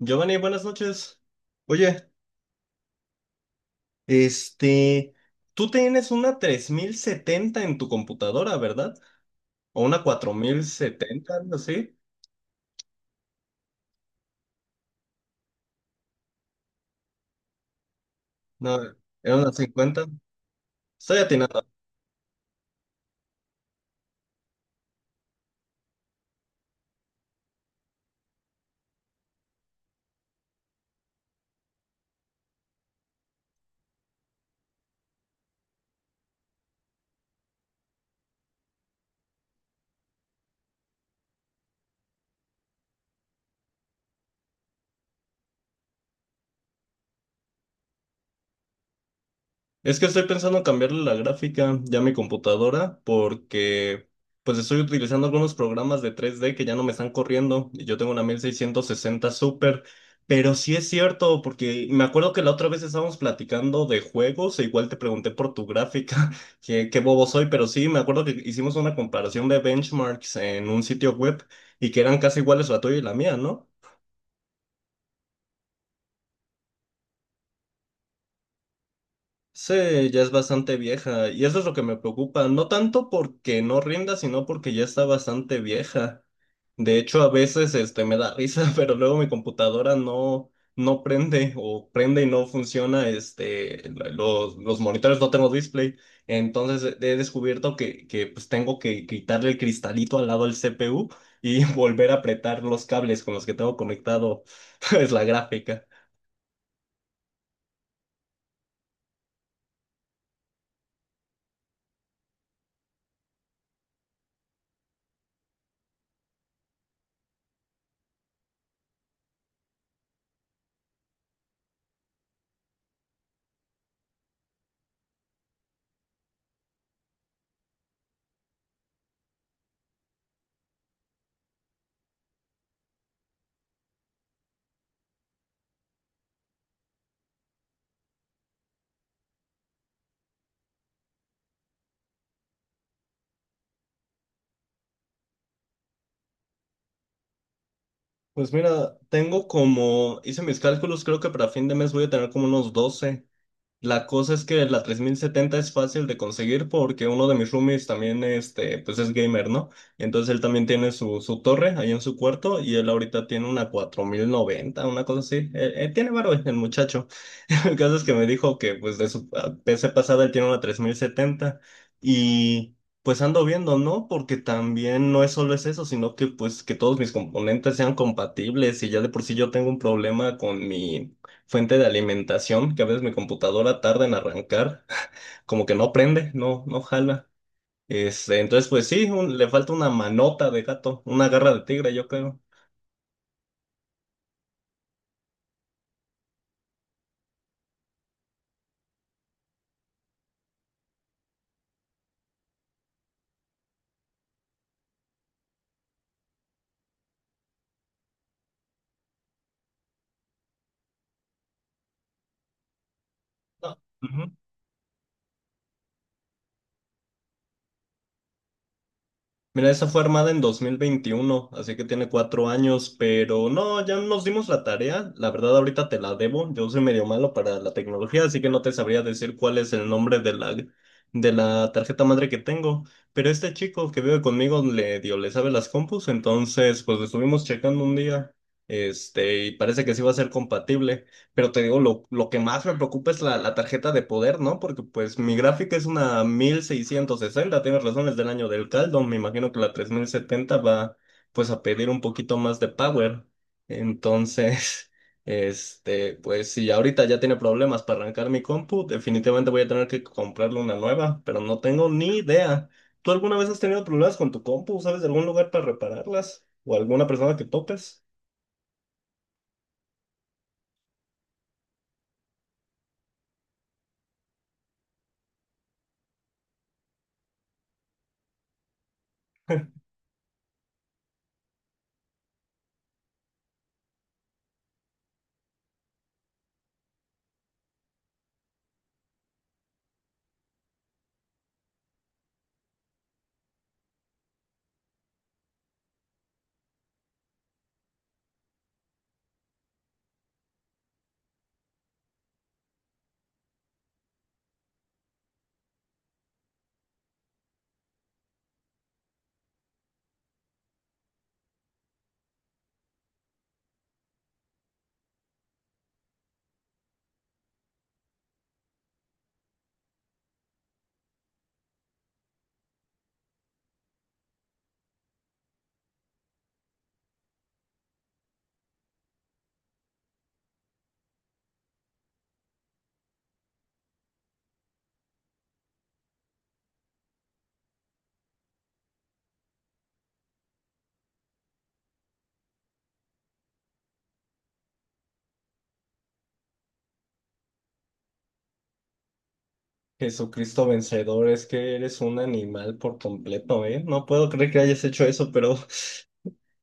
Giovanni, buenas noches. Oye, este, tú tienes una 3070 en tu computadora, ¿verdad? O una 4070, algo así. No, era una 50. Estoy atinando. Es que estoy pensando en cambiarle la gráfica ya a mi computadora porque pues estoy utilizando algunos programas de 3D que ya no me están corriendo y yo tengo una 1660 Super, pero sí es cierto porque me acuerdo que la otra vez estábamos platicando de juegos e igual te pregunté por tu gráfica, que qué bobo soy, pero sí me acuerdo que hicimos una comparación de benchmarks en un sitio web y que eran casi iguales la tuya y la mía, ¿no? Sí, ya es bastante vieja y eso es lo que me preocupa, no tanto porque no rinda, sino porque ya está bastante vieja. De hecho, a veces me da risa, pero luego mi computadora no prende o prende y no funciona, los monitores no tengo display, entonces he descubierto que pues tengo que quitarle el cristalito al lado del CPU y volver a apretar los cables con los que tengo conectado es la gráfica. Pues mira, tengo como, hice mis cálculos, creo que para fin de mes voy a tener como unos 12. La cosa es que la 3070 es fácil de conseguir porque uno de mis roomies también pues es gamer, ¿no? Entonces él también tiene su torre ahí en su cuarto y él ahorita tiene una 4090 una cosa así. Tiene varo el muchacho. El caso es que me dijo que pues de su PC pasada él tiene una 3070 y pues ando viendo, ¿no? Porque también no es solo es eso, sino que pues que todos mis componentes sean compatibles y ya de por sí yo tengo un problema con mi fuente de alimentación, que a veces mi computadora tarda en arrancar, como que no prende, no, no jala. Entonces, pues sí, le falta una manota de gato, una garra de tigre, yo creo. No, mira, esa fue armada en 2021, así que tiene 4 años, pero no, ya nos dimos la tarea. La verdad, ahorita te la debo. Yo soy medio malo para la tecnología, así que no te sabría decir cuál es el nombre de la tarjeta madre que tengo. Pero este chico que vive conmigo le sabe las compus, entonces pues lo estuvimos checando un día, y parece que sí va a ser compatible. Pero te digo, lo que más me preocupa es la tarjeta de poder, ¿no? Porque pues mi gráfica es una 1660, tienes razón, es del año del caldo. Me imagino que la 3070 va pues a pedir un poquito más de power. Entonces, pues si ahorita ya tiene problemas para arrancar mi compu, definitivamente voy a tener que comprarle una nueva, pero no tengo ni idea. ¿Tú alguna vez has tenido problemas con tu compu? ¿Sabes de algún lugar para repararlas? ¿O alguna persona que topes? Jesucristo vencedor, es que eres un animal por completo, ¿eh? No puedo creer que hayas hecho eso, pero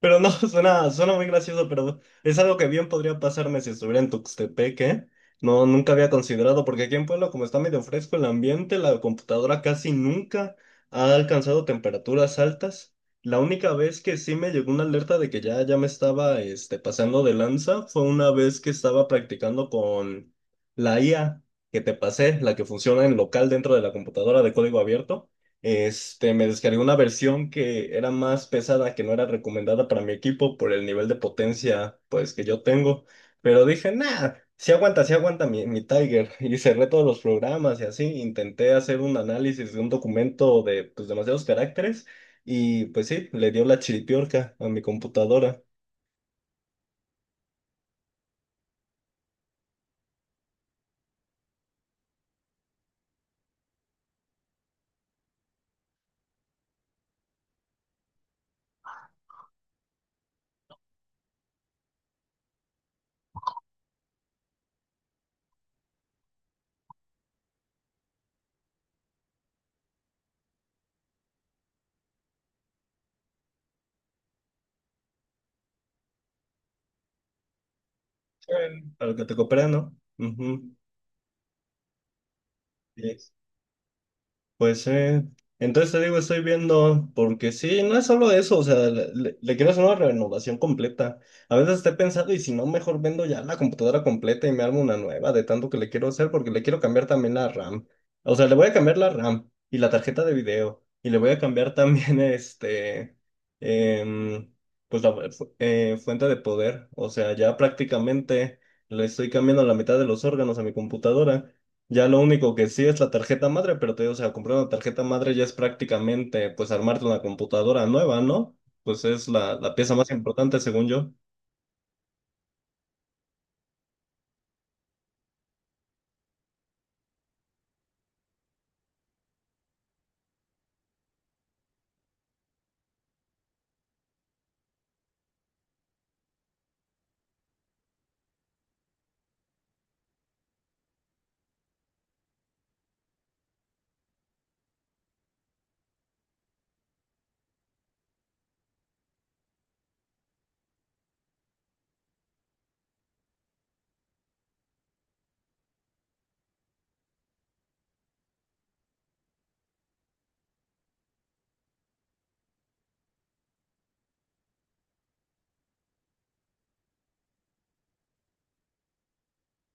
pero no, suena, suena muy gracioso, pero es algo que bien podría pasarme si estuviera en Tuxtepec, ¿eh? No, nunca había considerado, porque aquí en Puebla, como está medio fresco el ambiente, la computadora casi nunca ha alcanzado temperaturas altas. La única vez que sí me llegó una alerta de que ya, ya me estaba pasando de lanza fue una vez que estaba practicando con la IA que te pasé, la que funciona en local dentro de la computadora de código abierto. Me descargué una versión que era más pesada, que no era recomendada para mi equipo por el nivel de potencia, pues, que yo tengo. Pero dije, nada, si aguanta, si aguanta mi Tiger. Y cerré todos los programas y así. Intenté hacer un análisis de un documento de, pues, demasiados caracteres. Y, pues, sí, le dio la chiripiorca a mi computadora. Bueno. Para que te coopera, ¿no? Ujú. Sí. Pues sí, entonces te digo, estoy viendo, porque sí, no es solo eso, o sea, le quiero hacer una renovación completa. A veces estoy pensando y si no, mejor vendo ya la computadora completa y me armo una nueva de tanto que le quiero hacer, porque le quiero cambiar también la RAM. O sea, le voy a cambiar la RAM y la tarjeta de video, y le voy a cambiar también em, pues la fuente de poder. O sea, ya prácticamente le estoy cambiando la mitad de los órganos a mi computadora. Ya lo único que sí es la tarjeta madre, pero te digo, o sea, comprar una tarjeta madre ya es prácticamente, pues, armarte una computadora nueva, ¿no? Pues es la pieza más importante, según yo.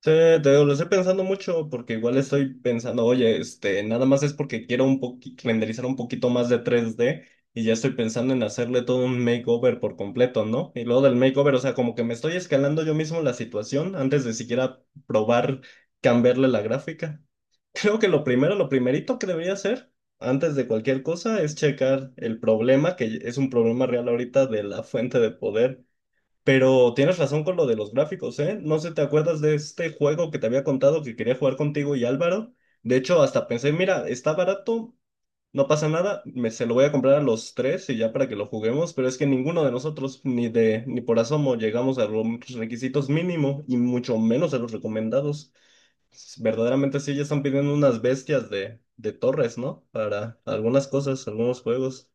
Sí, te digo, lo estoy pensando mucho porque igual estoy pensando, oye, nada más es porque quiero renderizar un poquito más de 3D y ya estoy pensando en hacerle todo un makeover por completo, ¿no? Y luego del makeover, o sea, como que me estoy escalando yo mismo la situación antes de siquiera probar cambiarle la gráfica. Creo que lo primero, lo primerito que debería hacer antes de cualquier cosa es checar el problema, que es un problema real ahorita de la fuente de poder. Pero tienes razón con lo de los gráficos, ¿eh? No sé, ¿te acuerdas de este juego que te había contado que quería jugar contigo y Álvaro? De hecho, hasta pensé, mira, está barato, no pasa nada, se lo voy a comprar a los tres y ya para que lo juguemos, pero es que ninguno de nosotros, ni por asomo, llegamos a los requisitos mínimo y mucho menos a los recomendados. Verdaderamente sí, ya están pidiendo unas bestias de torres, ¿no? Para algunas cosas, algunos juegos.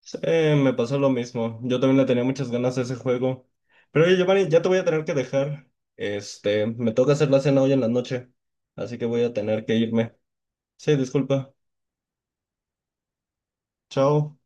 Sí, me pasó lo mismo. Yo también le tenía muchas ganas a ese juego. Pero oye, Giovanni, ya te voy a tener que dejar. Me toca hacer la cena hoy en la noche, así que voy a tener que irme. Sí, disculpa. Chao.